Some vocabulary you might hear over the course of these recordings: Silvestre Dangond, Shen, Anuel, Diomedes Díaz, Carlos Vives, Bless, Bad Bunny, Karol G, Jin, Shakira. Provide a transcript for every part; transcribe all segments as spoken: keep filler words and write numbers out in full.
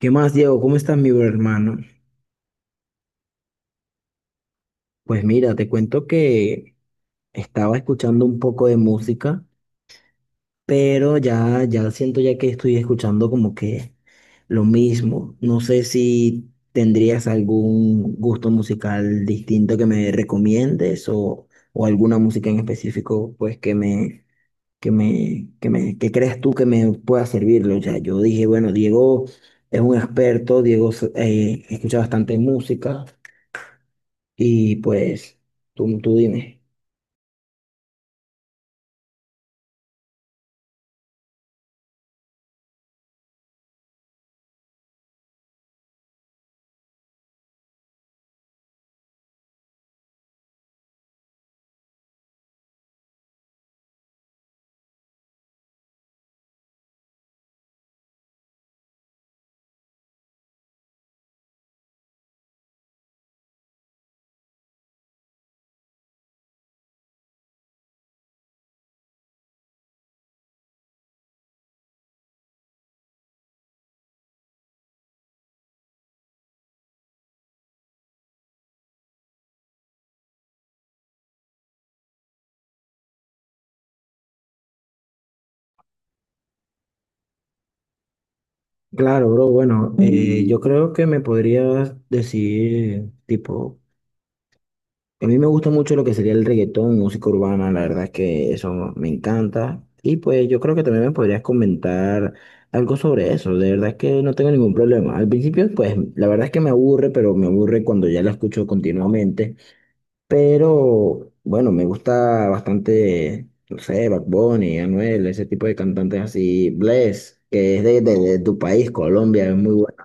¿Qué más, Diego? ¿Cómo estás, mi bro hermano? Pues mira, te cuento que estaba escuchando un poco de música, pero ya, ya siento ya que estoy escuchando como que lo mismo. No sé si tendrías algún gusto musical distinto que me recomiendes o, o alguna música en específico, pues que me, que me, que me, que creas tú que me pueda servirlo. O sea, yo dije, bueno, Diego es un experto, Diego eh, escucha bastante música. Y pues, tú, tú dime. Claro, bro, bueno, eh, yo creo que me podrías decir, tipo, a mí me gusta mucho lo que sería el reggaetón, música urbana, la verdad es que eso me encanta. Y pues yo creo que también me podrías comentar algo sobre eso, de verdad es que no tengo ningún problema. Al principio, pues, la verdad es que me aburre, pero me aburre cuando ya la escucho continuamente. Pero bueno, me gusta bastante, no sé, Bad Bunny, Anuel, ese tipo de cantantes así. Bless, que es de, de- de tu país, Colombia, es muy bueno.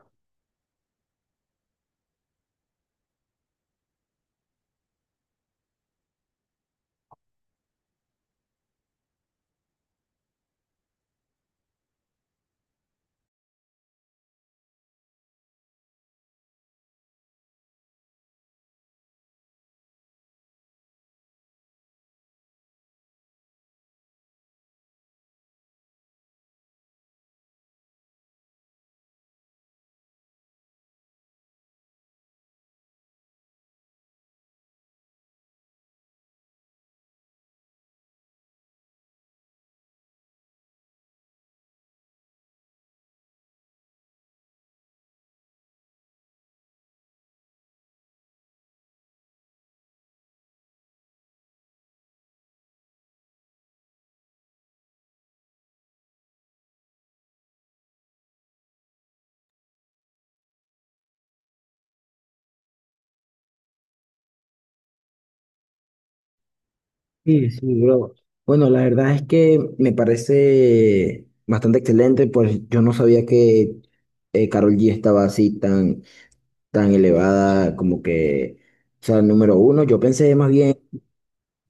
Sí, sí, bro. Bueno, la verdad es que me parece bastante excelente, pues yo no sabía que eh, Karol G estaba así tan, tan elevada, como que, o sea, número uno. Yo pensé más bien.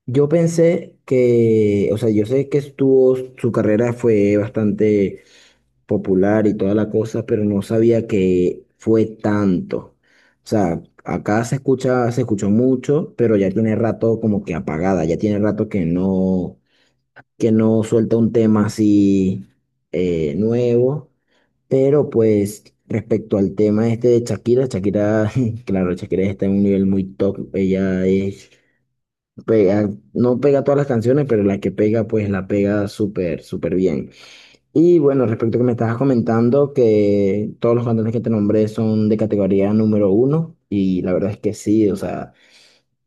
Yo pensé que, o sea, yo sé que estuvo, su carrera fue bastante popular y toda la cosa, pero no sabía que fue tanto. O sea, acá se escucha, se escuchó mucho, pero ya tiene rato como que apagada, ya tiene rato que no, que no suelta un tema así eh, nuevo. Pero pues respecto al tema este de Shakira, Shakira, claro, Shakira está en un nivel muy top. Ella es, pega, no pega todas las canciones, pero la que pega, pues la pega súper, súper bien. Y bueno, respecto a que me estabas comentando que todos los cantones que te nombré son de categoría número uno y la verdad es que sí, o sea,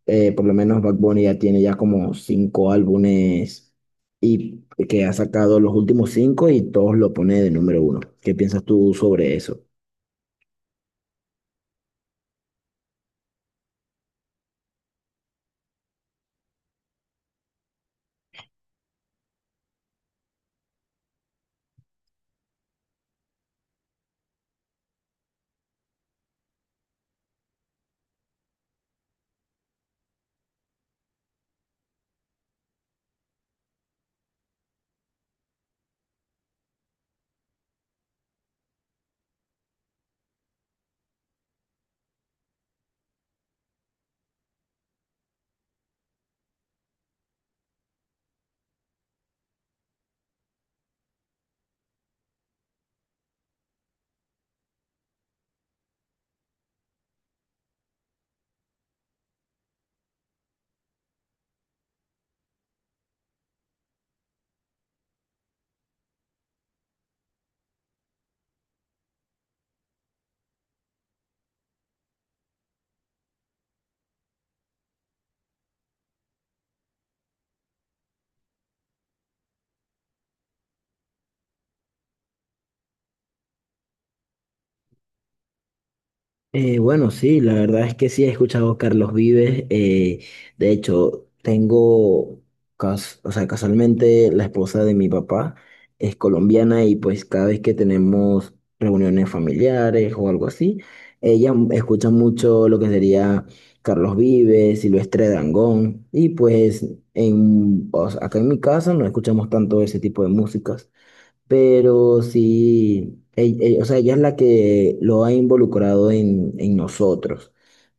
eh, por lo menos Bad Bunny ya tiene ya como cinco álbumes y que ha sacado los últimos cinco y todos lo pone de número uno. ¿Qué piensas tú sobre eso? Eh, bueno, sí, la verdad es que sí he escuchado a Carlos Vives. Eh, de hecho, tengo, cas- o sea, casualmente la esposa de mi papá es colombiana y pues cada vez que tenemos reuniones familiares o algo así, ella m- escucha mucho lo que sería Carlos Vives, Silvestre Dangond y pues en, o sea, acá en mi casa no escuchamos tanto ese tipo de músicas pero sí, ell- ell- o sea, ella es la que lo ha involucrado en, en nosotros.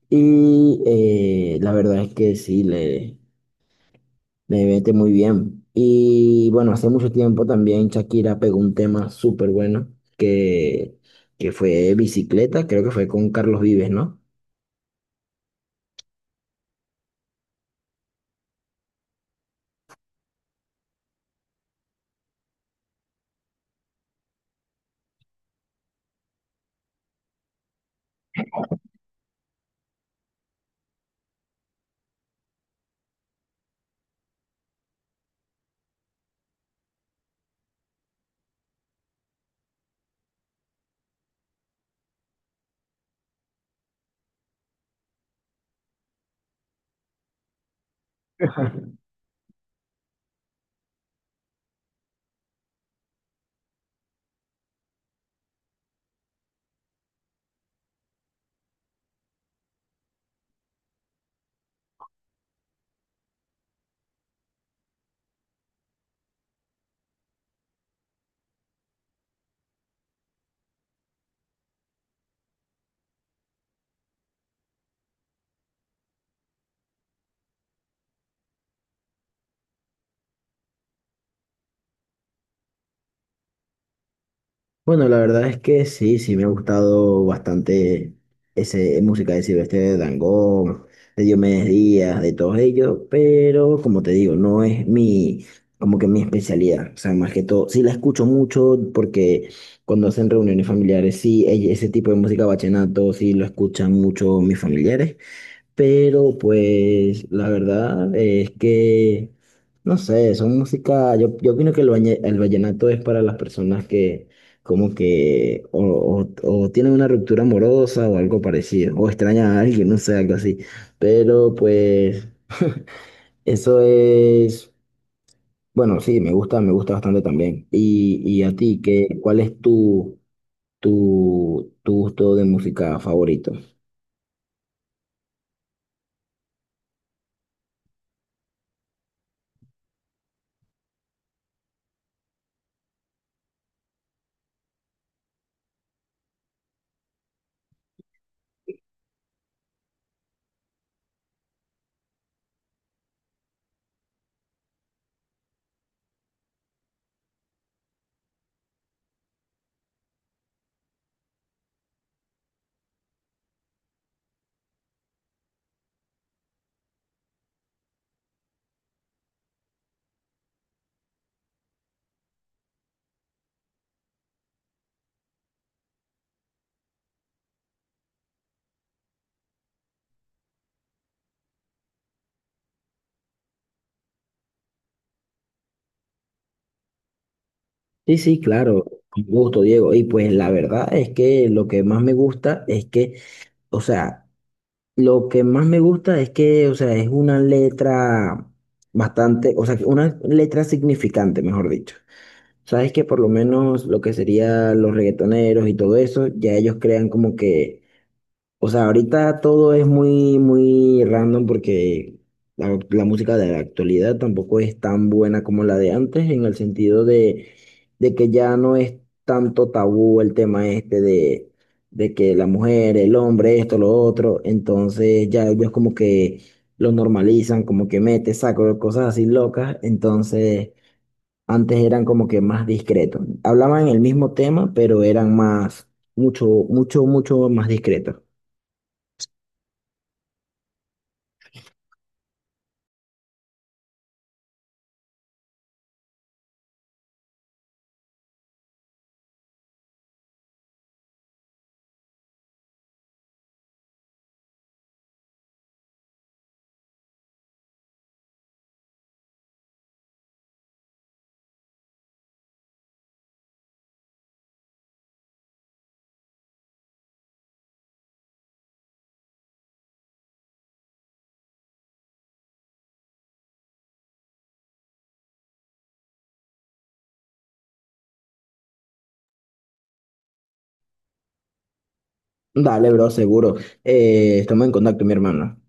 Y eh, la verdad es que sí, le, le mete muy bien. Y bueno, hace mucho tiempo también Shakira pegó un tema súper bueno, que, que fue bicicleta, creo que fue con Carlos Vives, ¿no? Bueno, la verdad es que sí, sí me ha gustado bastante ese música de Silvestre Dangond, de Diomedes Díaz, de todos ellos, pero como te digo, no es mi, como que mi especialidad. O sea, más que todo, sí la escucho mucho porque cuando hacen reuniones familiares, sí, e- ese tipo de música vallenato, sí lo escuchan mucho mis familiares. Pero pues la verdad es que, no sé, son música, yo, yo opino que el, bañe- el vallenato es para las personas que como que o, o- o tienen una ruptura amorosa o algo parecido, o extrañan a alguien, no sé, algo así. Pero pues eso es, bueno, sí, me gusta, me gusta bastante también. Y, y a ti, ¿qué, cuál es tu, tu, tu, gusto de música favorito? Sí, sí, claro, con gusto, Diego. Y pues la verdad es que lo que más me gusta es que, o sea, lo que más me gusta es que, o sea, es una letra bastante, o sea, que una letra significante, mejor dicho. Sabes que por lo menos lo que sería los reggaetoneros y todo eso, ya ellos crean como que o sea, ahorita todo es muy, muy random porque la, la música de la actualidad tampoco es tan buena como la de antes, en el sentido de, de que ya no es tanto tabú el tema este de, de que la mujer, el hombre, esto, lo otro. Entonces ya ellos como que lo normalizan, como que mete, saco, cosas así locas. Entonces antes eran como que más discretos. Hablaban el mismo tema, pero eran más, mucho, mucho, mucho más discretos. Dale, bro, seguro. Eh, estamos en contacto, mi hermano.